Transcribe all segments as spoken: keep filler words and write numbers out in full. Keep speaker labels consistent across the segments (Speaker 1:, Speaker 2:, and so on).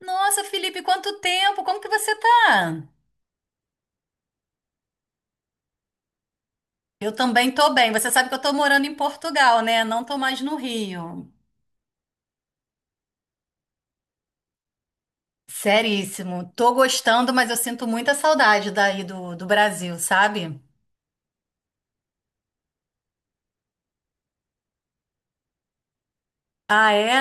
Speaker 1: Nossa, Felipe, quanto tempo? Como que você tá? Eu também tô bem. Você sabe que eu tô morando em Portugal, né? Não tô mais no Rio. Seríssimo. Tô gostando, mas eu sinto muita saudade daí do, do Brasil, sabe? Ah, é?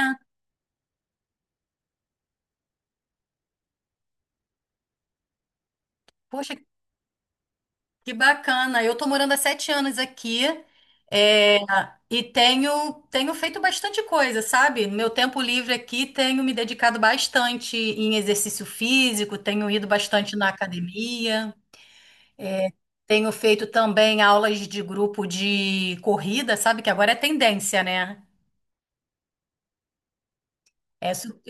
Speaker 1: Poxa, que bacana. Eu tô morando há sete anos aqui, é, e tenho, tenho feito bastante coisa, sabe? Meu tempo livre aqui tenho me dedicado bastante em exercício físico, tenho ido bastante na academia. Tenho feito também aulas de grupo de corrida, sabe? Que agora é tendência, né? É su-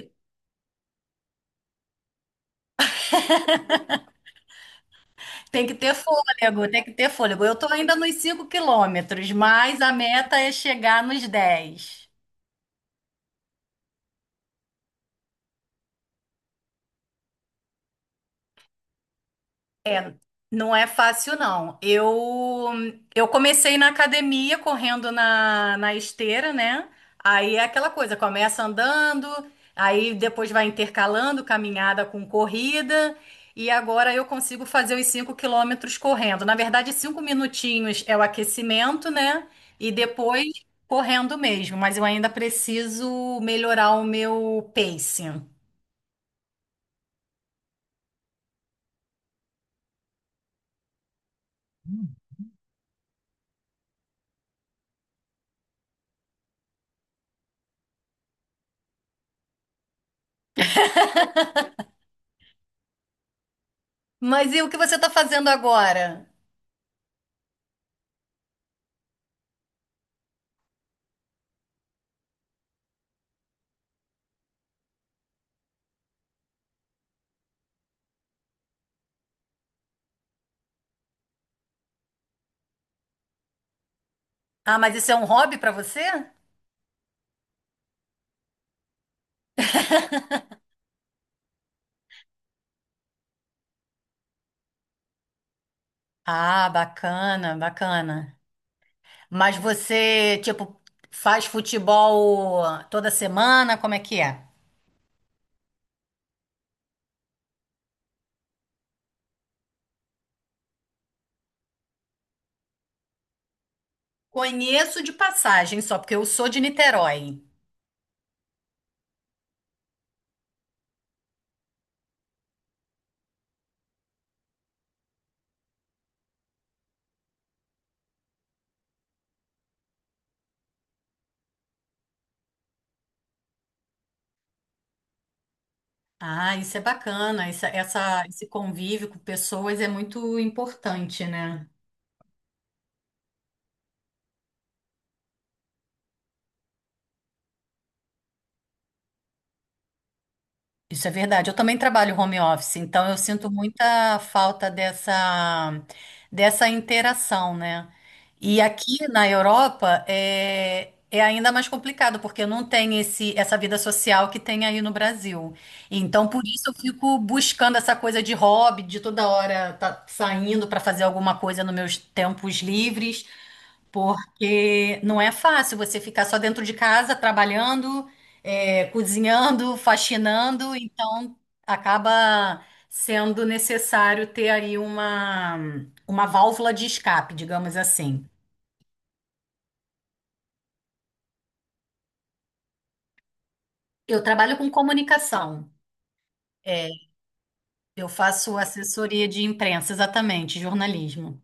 Speaker 1: Tem que ter fôlego, tem que ter fôlego. Eu tô ainda nos cinco quilômetros, mas a meta é chegar nos dez. Não é fácil, não. Eu, eu comecei na academia correndo na, na esteira, né? Aí é aquela coisa, começa andando, aí depois vai intercalando caminhada com corrida, e agora eu consigo fazer os cinco quilômetros correndo. Na verdade, cinco minutinhos é o aquecimento, né? E depois correndo mesmo, mas eu ainda preciso melhorar o meu pacing. Mas e o que você está fazendo agora? Ah, mas isso é um hobby para você? Ah, bacana, bacana. Mas você, tipo, faz futebol toda semana? Como é que é? Conheço de passagem só, porque eu sou de Niterói. Ah, isso é bacana. Essa, essa- esse convívio com pessoas é muito importante, né? Isso é verdade. Eu também trabalho home office, então eu sinto muita falta dessa, dessa interação, né? E aqui na Europa é, é ainda mais complicado, porque não tem esse, essa vida social que tem aí no Brasil. Então, por isso eu fico buscando essa coisa de hobby, de toda hora tá saindo para fazer alguma coisa nos meus tempos livres. Porque não é fácil você ficar só dentro de casa, trabalhando, é, cozinhando, faxinando, então acaba sendo necessário ter aí uma, uma válvula de escape, digamos assim. Eu trabalho com comunicação, é, eu faço assessoria de imprensa, exatamente, jornalismo.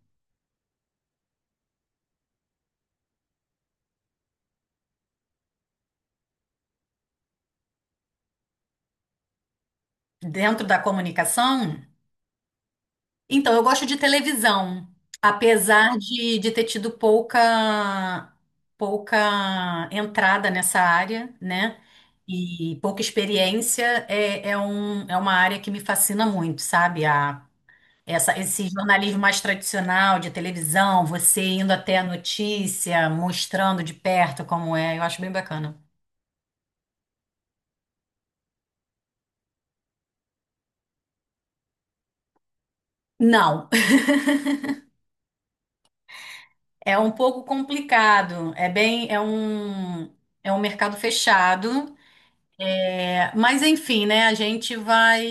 Speaker 1: Dentro da comunicação, então, eu gosto de televisão, apesar de, de ter tido pouca, pouca entrada nessa área, né? E pouca experiência, é, é, um, é uma área que me fascina muito, sabe? A, essa, esse jornalismo mais tradicional de televisão, você indo até a notícia, mostrando de perto como é, eu acho bem bacana. Não, é um pouco complicado, é bem, é um, é um mercado fechado. Mas enfim, né? A gente vai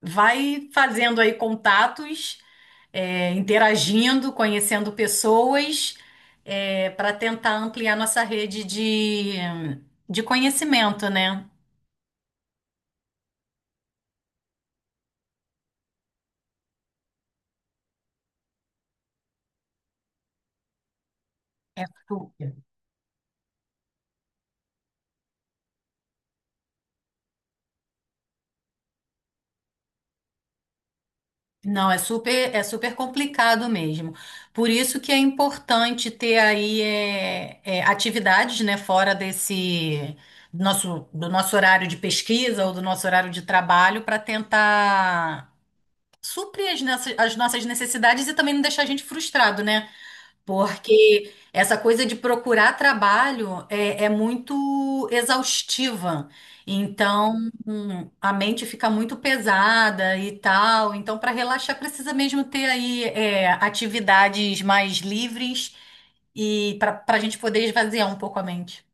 Speaker 1: vai fazendo aí contatos, é, interagindo, conhecendo pessoas, para tentar ampliar nossa rede de, de conhecimento, né? É super. Não, é super, é super complicado mesmo. Por isso que é importante ter aí é, é, atividades, né, fora desse nosso, do nosso horário de pesquisa ou do nosso horário de trabalho para tentar suprir as nossas, as nossas necessidades e também não deixar a gente frustrado, né? Porque essa coisa de procurar trabalho é, é muito exaustiva. Então, hum, a mente fica muito pesada e tal. Então, para relaxar, precisa mesmo ter aí é, atividades mais livres e para para a gente poder esvaziar um pouco a mente.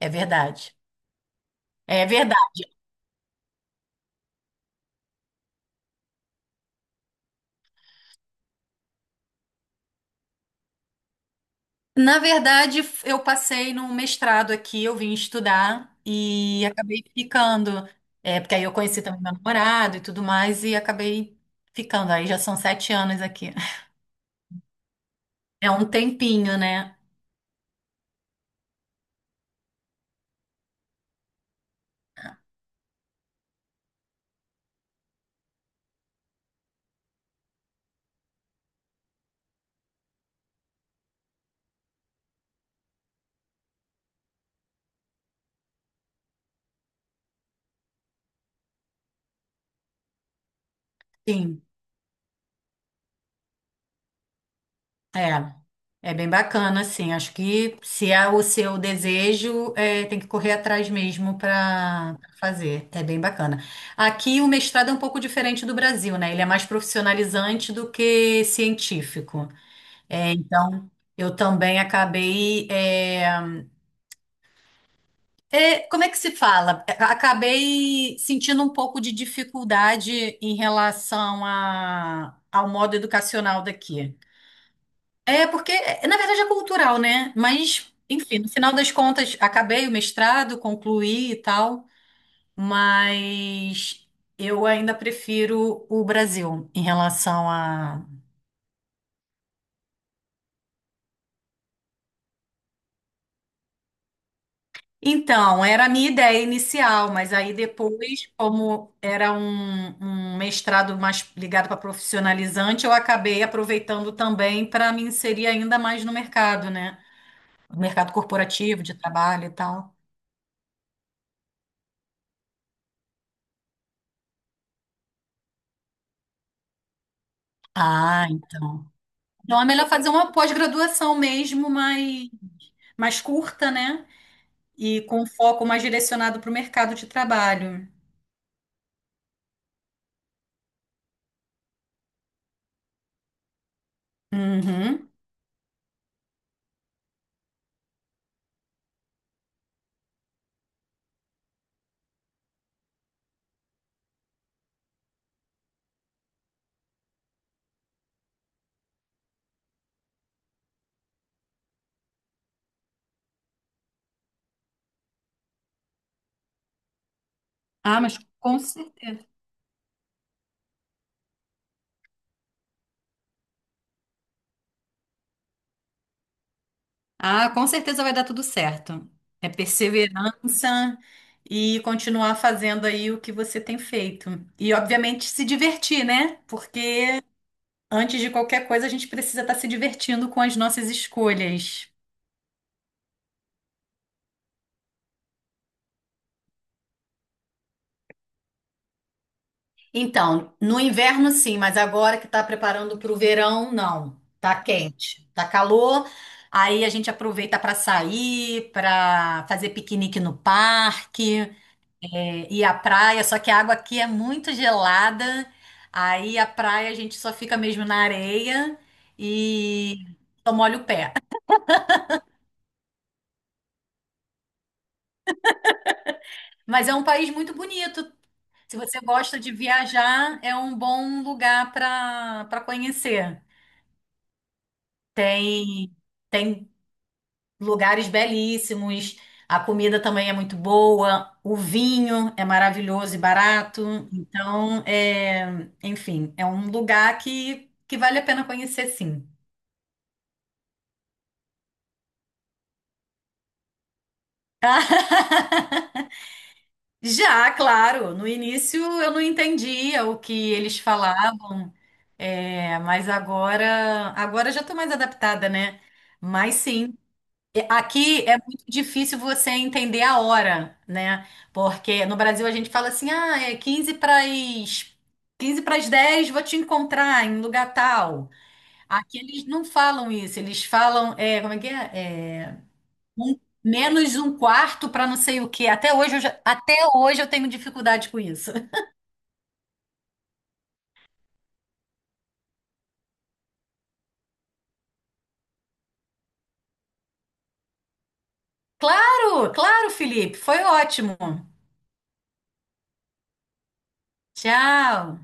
Speaker 1: É verdade. É verdade. Na verdade, f- eu passei num mestrado aqui, eu vim estudar e acabei ficando. É, porque aí eu conheci também meu namorado e tudo mais, e acabei ficando. Aí já são sete anos aqui. É um tempinho, né? Sim, é. É bem bacana, assim. Acho que se é o seu desejo, é, tem que correr atrás mesmo para fazer. É bem bacana. Aqui o mestrado é um pouco diferente do Brasil, né? Ele é mais profissionalizante do que científico. É, então, eu também acabei, é, é, como é que se fala? É, acabei sentindo um pouco de dificuldade em relação a, ao modo educacional daqui. É, porque, é, na verdade, é cultural, né? Mas, enfim, no final das contas, acabei o mestrado, concluí e tal, mas eu ainda prefiro o Brasil em relação a. Então, era a minha ideia inicial, mas aí depois, como era um, um mestrado mais ligado para profissionalizante, eu acabei aproveitando também para me inserir ainda mais no mercado, né? No mercado corporativo, de trabalho e tal. Ah, então. Então é melhor fazer uma pós-graduação mesmo, mais, mais curta, né? E com foco mais direcionado para o mercado de trabalho. Uhum. Ah, mas com certeza. Ah, com certeza vai dar tudo certo. É perseverança e continuar fazendo aí o que você tem feito. E, obviamente, se divertir, né? Porque antes de qualquer coisa, a gente precisa estar se divertindo com as nossas escolhas. Então, no inverno sim, mas agora que tá preparando para o verão, não. Tá quente, tá calor. Aí a gente aproveita para sair, para fazer piquenique no parque. É, e a praia, só que a água aqui é muito gelada, aí a praia a gente só fica mesmo na areia e só molha o pé. Mas é um país muito bonito. Se você gosta de viajar, é um bom lugar para para conhecer. Tem tem lugares belíssimos, a comida também é muito boa, o vinho é maravilhoso e barato. Então, é, enfim, é um lugar que que vale a pena conhecer, sim. Já, claro. No início eu não entendia o que eles falavam, é, mas agora, agora eu já estou mais adaptada, né? Mas sim, e- aqui é muito difícil você entender a hora, né? Porque no Brasil a gente fala assim, ah, é quinze para as quinze para as dez, vou te encontrar em lugar tal. Aqui eles não falam isso, eles falam, é, como é que é? É, um- menos um quarto para não sei o quê. Até hoje eu já- até hoje eu tenho dificuldade com isso. Claro, claro, Felipe, foi ótimo. Tchau.